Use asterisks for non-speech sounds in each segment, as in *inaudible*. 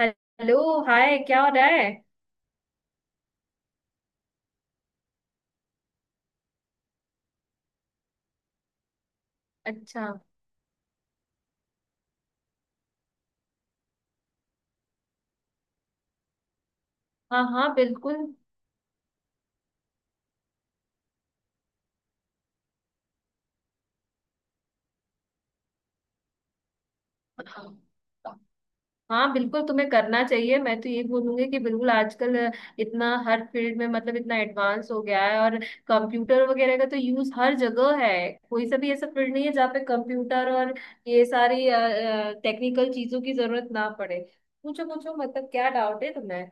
Hello. Hi, क्या हो रहा है? अच्छा। हाँ हाँ, बिल्कुल। हाँ, बिल्कुल तुम्हें करना चाहिए। मैं तो ये बोलूंगी कि बिल्कुल आजकल इतना हर फील्ड में, मतलब इतना एडवांस हो गया है। और कंप्यूटर वगैरह का तो यूज हर जगह है। कोई सा भी ऐसा फील्ड नहीं है जहाँ पे कंप्यूटर और ये सारी टेक्निकल चीजों की जरूरत ना पड़े। पूछो पूछो, मतलब क्या डाउट है तुम्हें?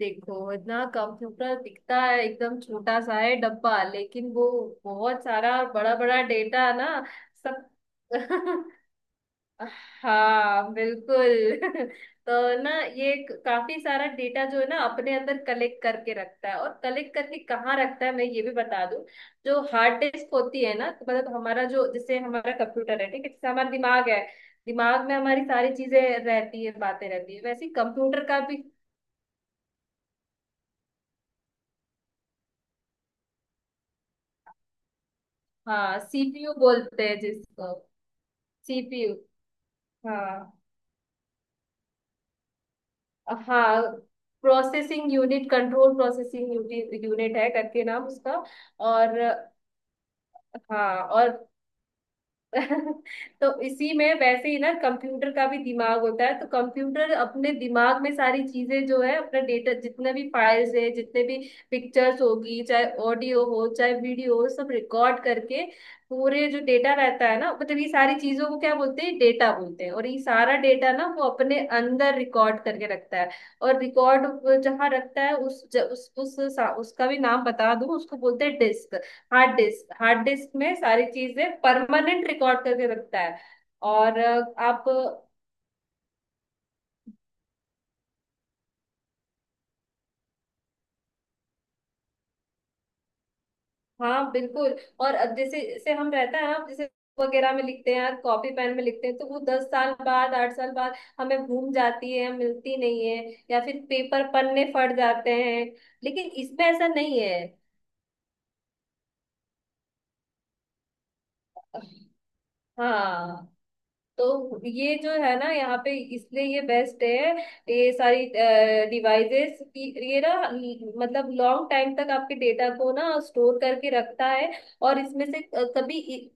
देखो, इतना कंप्यूटर दिखता है एकदम छोटा सा है डब्बा, लेकिन वो बहुत सारा बड़ा बड़ा डेटा ना सब। *laughs* हाँ, बिल्कुल। *laughs* तो ना, ये काफी सारा डेटा जो है ना अपने अंदर कलेक्ट करके रखता है। और कलेक्ट करके कहाँ रखता है, मैं ये भी बता दूं। जो हार्ड डिस्क होती है ना, तो मतलब हमारा जो, जैसे हमारा कंप्यूटर है ठीक है, जैसे हमारा दिमाग है। दिमाग में हमारी सारी चीजें रहती है, बातें रहती है, वैसे कंप्यूटर का भी। हाँ, CPU बोलते हैं जिसको। सीपीयू। हाँ हाँ, processing unit, control processing unit है करके नाम उसका। और, हाँ और। *laughs* तो इसी में वैसे ही ना कंप्यूटर का भी दिमाग होता है। तो कंप्यूटर अपने दिमाग में सारी चीजें जो है, अपना डेटा, जितने भी फाइल्स है, जितने भी पिक्चर्स होगी, चाहे ऑडियो हो चाहे वीडियो हो, सब रिकॉर्ड करके पूरे जो डेटा रहता है ना, मतलब ये सारी चीजों को क्या बोलते हैं, डेटा बोलते हैं। और ये सारा डेटा ना वो अपने अंदर रिकॉर्ड करके रखता है। और रिकॉर्ड जहाँ रखता है उस उसका भी नाम बता दूं। उसको बोलते हैं disk. Hard disk. Hard disk में सारी चीजें परमानेंट रिकॉर्ड करके रखता है। और आप। हाँ, बिल्कुल। और अब जैसे जैसे हम रहता है ना, जैसे वगैरह में लिखते हैं, कॉपी पेन में लिखते हैं, तो वो 10 साल बाद, 8 साल बाद हमें घूम जाती है, मिलती नहीं है। या फिर पेपर पन्ने फट जाते हैं। लेकिन इसमें ऐसा नहीं है। हाँ, तो ये जो है ना यहाँ पे, इसलिए ये बेस्ट है। ये सारी डिवाइसेस ये ना, मतलब लॉन्ग टाइम तक आपके डेटा को ना स्टोर करके रखता है। और इसमें से कभी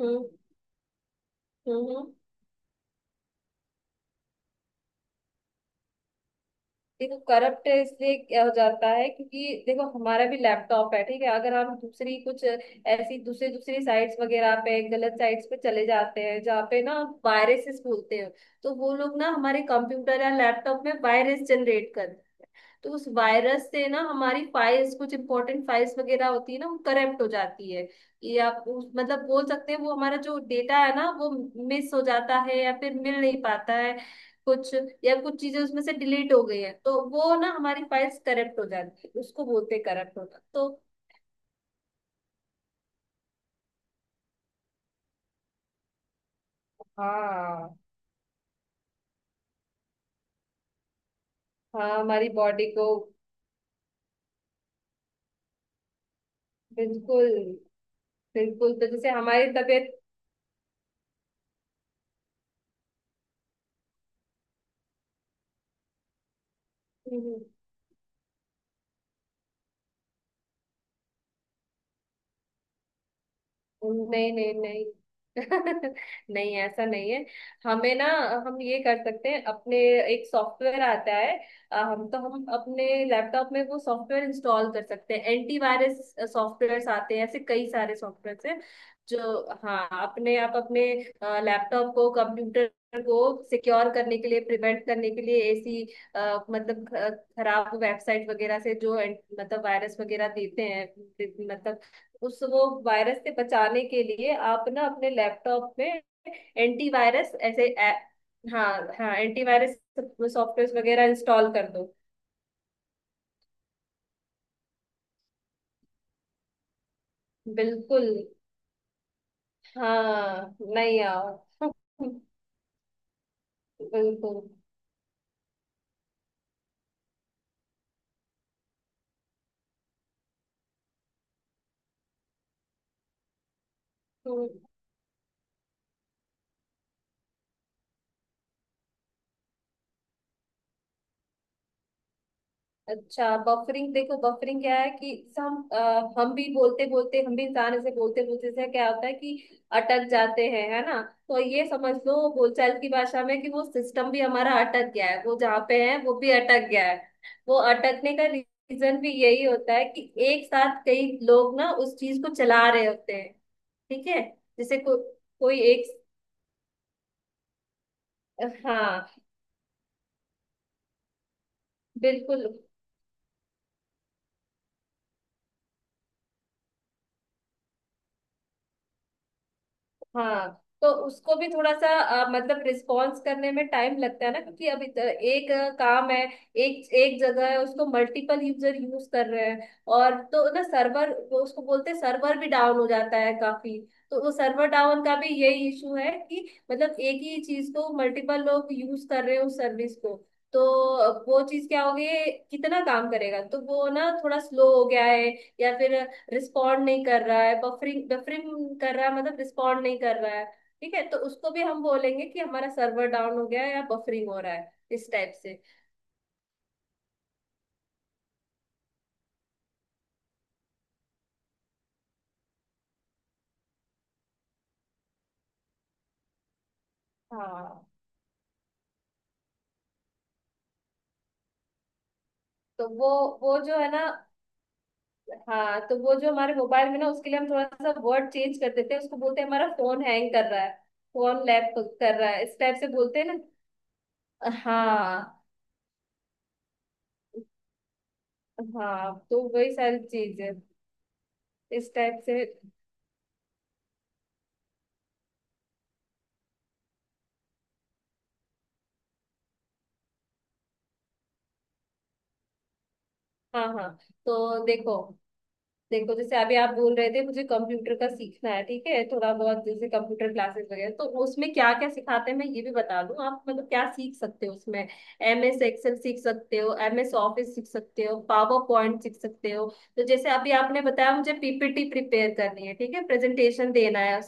हम्म। हम्म। हम्म। देखो, करप्ट इसलिए क्या हो जाता है क्योंकि देखो, हमारा भी लैपटॉप है ठीक है, अगर हम दूसरी कुछ ऐसी दूसरी दूसरी साइट्स वगैरह पे, गलत साइट्स पे चले जाते हैं जहाँ पे ना वायरसेस बोलते हैं। तो वो लोग ना हमारे कंप्यूटर या लैपटॉप में वायरस जनरेट कर। तो उस वायरस से ना हमारी फाइल्स, कुछ इंपॉर्टेंट फाइल्स वगैरह होती है ना, वो करप्ट हो जाती है। ये आप मतलब बोल सकते हैं वो हमारा जो डेटा है ना, वो मिस हो जाता है या फिर मिल नहीं पाता है कुछ, या कुछ चीजें उसमें से डिलीट हो गई है, तो वो ना हमारी फाइल्स करप्ट हो जाती है। उसको बोलते हैं करप्ट होना तो। हाँ हाँ, हमारी बॉडी को। बिल्कुल। बिल्कुल, तो जैसे हमारी तबीयत। नहीं नहीं नहीं। *laughs* नहीं, ऐसा नहीं है। हमें ना, हम ये कर सकते हैं अपने। एक सॉफ्टवेयर आता है। हम तो हम अपने लैपटॉप में वो सॉफ्टवेयर इंस्टॉल कर सकते हैं। एंटीवायरस सॉफ्टवेयर्स आते हैं, ऐसे कई सारे सॉफ्टवेयर्स हैं जो, हाँ, अपने आप अपने लैपटॉप को, कंप्यूटर को सिक्योर करने के लिए, प्रिवेंट करने के लिए ऐसी मतलब खराब वेबसाइट वगैरह से जो मतलब वायरस वगैरह देते हैं, मतलब उस वो वायरस से बचाने के लिए आप ना अपने लैपटॉप में एंटीवायरस ऐसे हाँ हाँ, एंटीवायरस सॉफ्टवेयर वगैरह इंस्टॉल कर दो। बिल्कुल। हाँ, नहीं आओ। *laughs* बिल्कुल। हम्म। अच्छा, बफरिंग। देखो, बफरिंग क्या है कि जैसे हम भी बोलते बोलते, हम भी इंसान ऐसे बोलते बोलते से क्या होता है कि अटक जाते हैं, है ना। तो ये समझ लो बोलचाल की भाषा में कि वो सिस्टम भी हमारा अटक गया है, वो जहाँ पे है वो भी अटक गया है। वो अटकने का रीजन भी यही होता है कि एक साथ कई लोग ना उस चीज को चला रहे होते हैं। ठीक है, जैसे कोई एक। हाँ, बिल्कुल। हाँ, तो उसको भी थोड़ा सा मतलब रिस्पॉन्स करने में टाइम लगता है ना, क्योंकि अब एक काम है, एक एक जगह है उसको मल्टीपल यूजर यूज कर रहे हैं। और तो ना सर्वर, उसको बोलते हैं सर्वर भी डाउन हो जाता है काफी। तो वो सर्वर डाउन का भी यही इशू है कि मतलब एक ही चीज को मल्टीपल लोग यूज कर रहे हैं उस सर्विस को। तो वो चीज क्या होगी, कितना काम करेगा, तो वो ना थोड़ा स्लो हो गया है, या फिर रिस्पॉन्ड नहीं कर रहा है, बफरिंग बफरिंग कर रहा है, मतलब रिस्पॉन्ड नहीं कर रहा है। ठीक है, तो उसको भी हम बोलेंगे कि हमारा सर्वर डाउन हो गया है या बफरिंग हो रहा है इस टाइप से। हाँ, तो वो जो है ना। हाँ, तो वो जो हमारे मोबाइल में ना उसके लिए हम थोड़ा सा वर्ड चेंज कर देते हैं, उसको बोलते हैं हमारा फोन हैंग कर रहा है। फोन लैग कर रहा है इस टाइप से बोलते हैं ना। हाँ हाँ, तो वही सारी चीज है इस टाइप से। हाँ हाँ, तो देखो देखो, जैसे अभी आप बोल रहे थे मुझे कंप्यूटर का सीखना है ठीक है, थोड़ा बहुत जैसे कंप्यूटर क्लासेस वगैरह, तो उसमें क्या क्या सिखाते हैं मैं ये भी बता दूं, आप मतलब क्या सीख सकते हो उसमें। MS एक्सेल सीख सकते हो, एम एस ऑफिस सीख सकते हो, पावर पॉइंट सीख सकते हो। तो जैसे अभी आपने बताया मुझे PPT प्रिपेयर करनी है ठीक है, प्रेजेंटेशन देना है।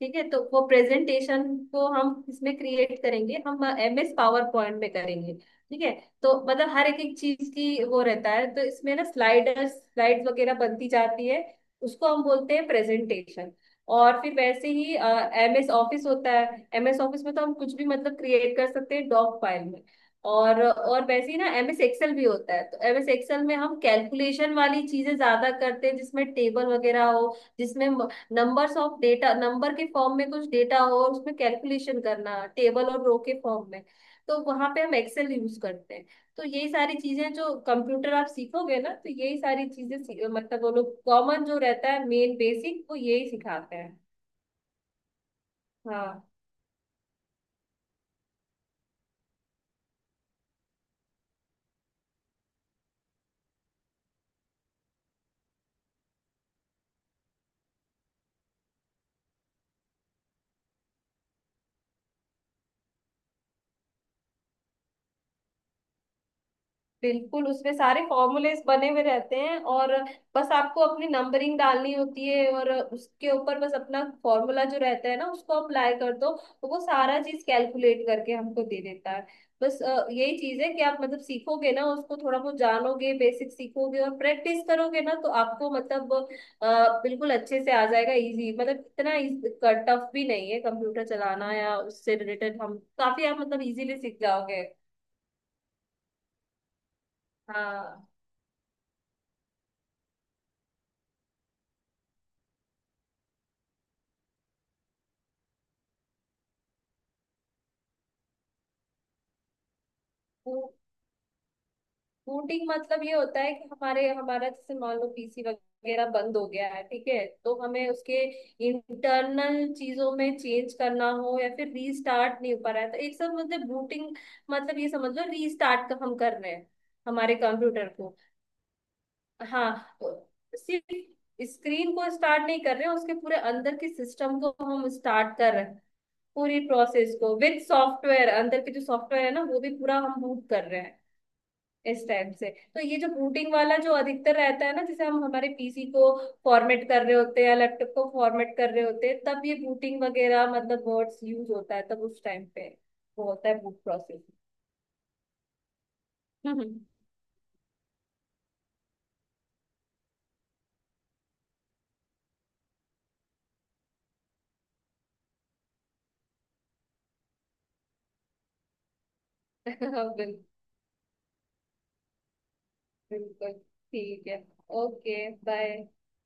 ठीक है, तो वो प्रेजेंटेशन को हम इसमें क्रिएट करेंगे, हम MS पावर पॉइंट में करेंगे। ठीक है, तो मतलब हर एक एक चीज की वो रहता है, तो इसमें ना स्लाइडर्स, स्लाइड्स वगैरह बनती जाती है। उसको हम बोलते हैं प्रेजेंटेशन। और फिर वैसे ही एमएस ऑफिस होता है, एमएस ऑफिस में तो हम कुछ भी मतलब क्रिएट कर सकते हैं डॉक फाइल में। और वैसे ही ना एमएस एक्सेल भी होता है, तो एमएस एक्सेल में हम कैलकुलेशन वाली चीजें ज्यादा करते हैं, जिसमें टेबल वगैरह हो, जिसमें नंबर्स ऑफ डेटा, नंबर के फॉर्म में कुछ डेटा हो और उसमें कैलकुलेशन करना टेबल और रो के फॉर्म में। तो वहां पे हम एक्सेल यूज करते हैं। तो यही सारी चीजें जो कंप्यूटर आप सीखोगे ना, तो यही सारी चीजें मतलब वो लोग कॉमन जो रहता है, मेन बेसिक वो यही सिखाते हैं। हाँ बिल्कुल, उसमें सारे फॉर्मूलेस बने हुए रहते हैं, और बस आपको अपनी नंबरिंग डालनी होती है। और उसके ऊपर बस अपना फॉर्मूला जो रहता है ना उसको अप्लाई कर दो, तो वो सारा चीज कैलकुलेट करके हमको दे देता है। बस यही चीज है कि आप मतलब सीखोगे ना, उसको थोड़ा बहुत जानोगे, बेसिक सीखोगे और प्रैक्टिस करोगे ना, तो आपको मतलब बिल्कुल अच्छे से आ जाएगा, इजी, मतलब इतना टफ भी नहीं है कंप्यूटर चलाना या उससे रिलेटेड, हम काफी, आप मतलब इजीली सीख जाओगे। हाँ। वो बूटिंग मतलब ये होता है कि हमारे हमारा जैसे मान लो PC वगैरह बंद हो गया है ठीक है, तो हमें उसके इंटरनल चीजों में चेंज करना हो या फिर रीस्टार्ट नहीं हो पा रहा है, तो एक सब मतलब बूटिंग, मतलब ये समझ लो रीस्टार्ट का हम कर रहे हैं हमारे कंप्यूटर को। हाँ, तो सिर्फ स्क्रीन को स्टार्ट नहीं कर रहे हैं, उसके पूरे अंदर के सिस्टम को हम स्टार्ट कर रहे हैं। पूरी प्रोसेस को विद सॉफ्टवेयर, अंदर के जो सॉफ्टवेयर है ना वो भी पूरा हम बूट कर रहे हैं, इस टाइप से। तो ये जो बूटिंग वाला जो अधिकतर रहता है ना, जैसे हम हमारे पीसी को फॉर्मेट कर रहे होते हैं या लैपटॉप को फॉर्मेट कर रहे होते हैं, तब ये बूटिंग वगैरह मतलब वर्ड्स यूज होता है, तब उस टाइम पे वो होता है बूट प्रोसेस। *laughs* बिल्कुल। बिल्कुल, ठीक है। Okay, bye.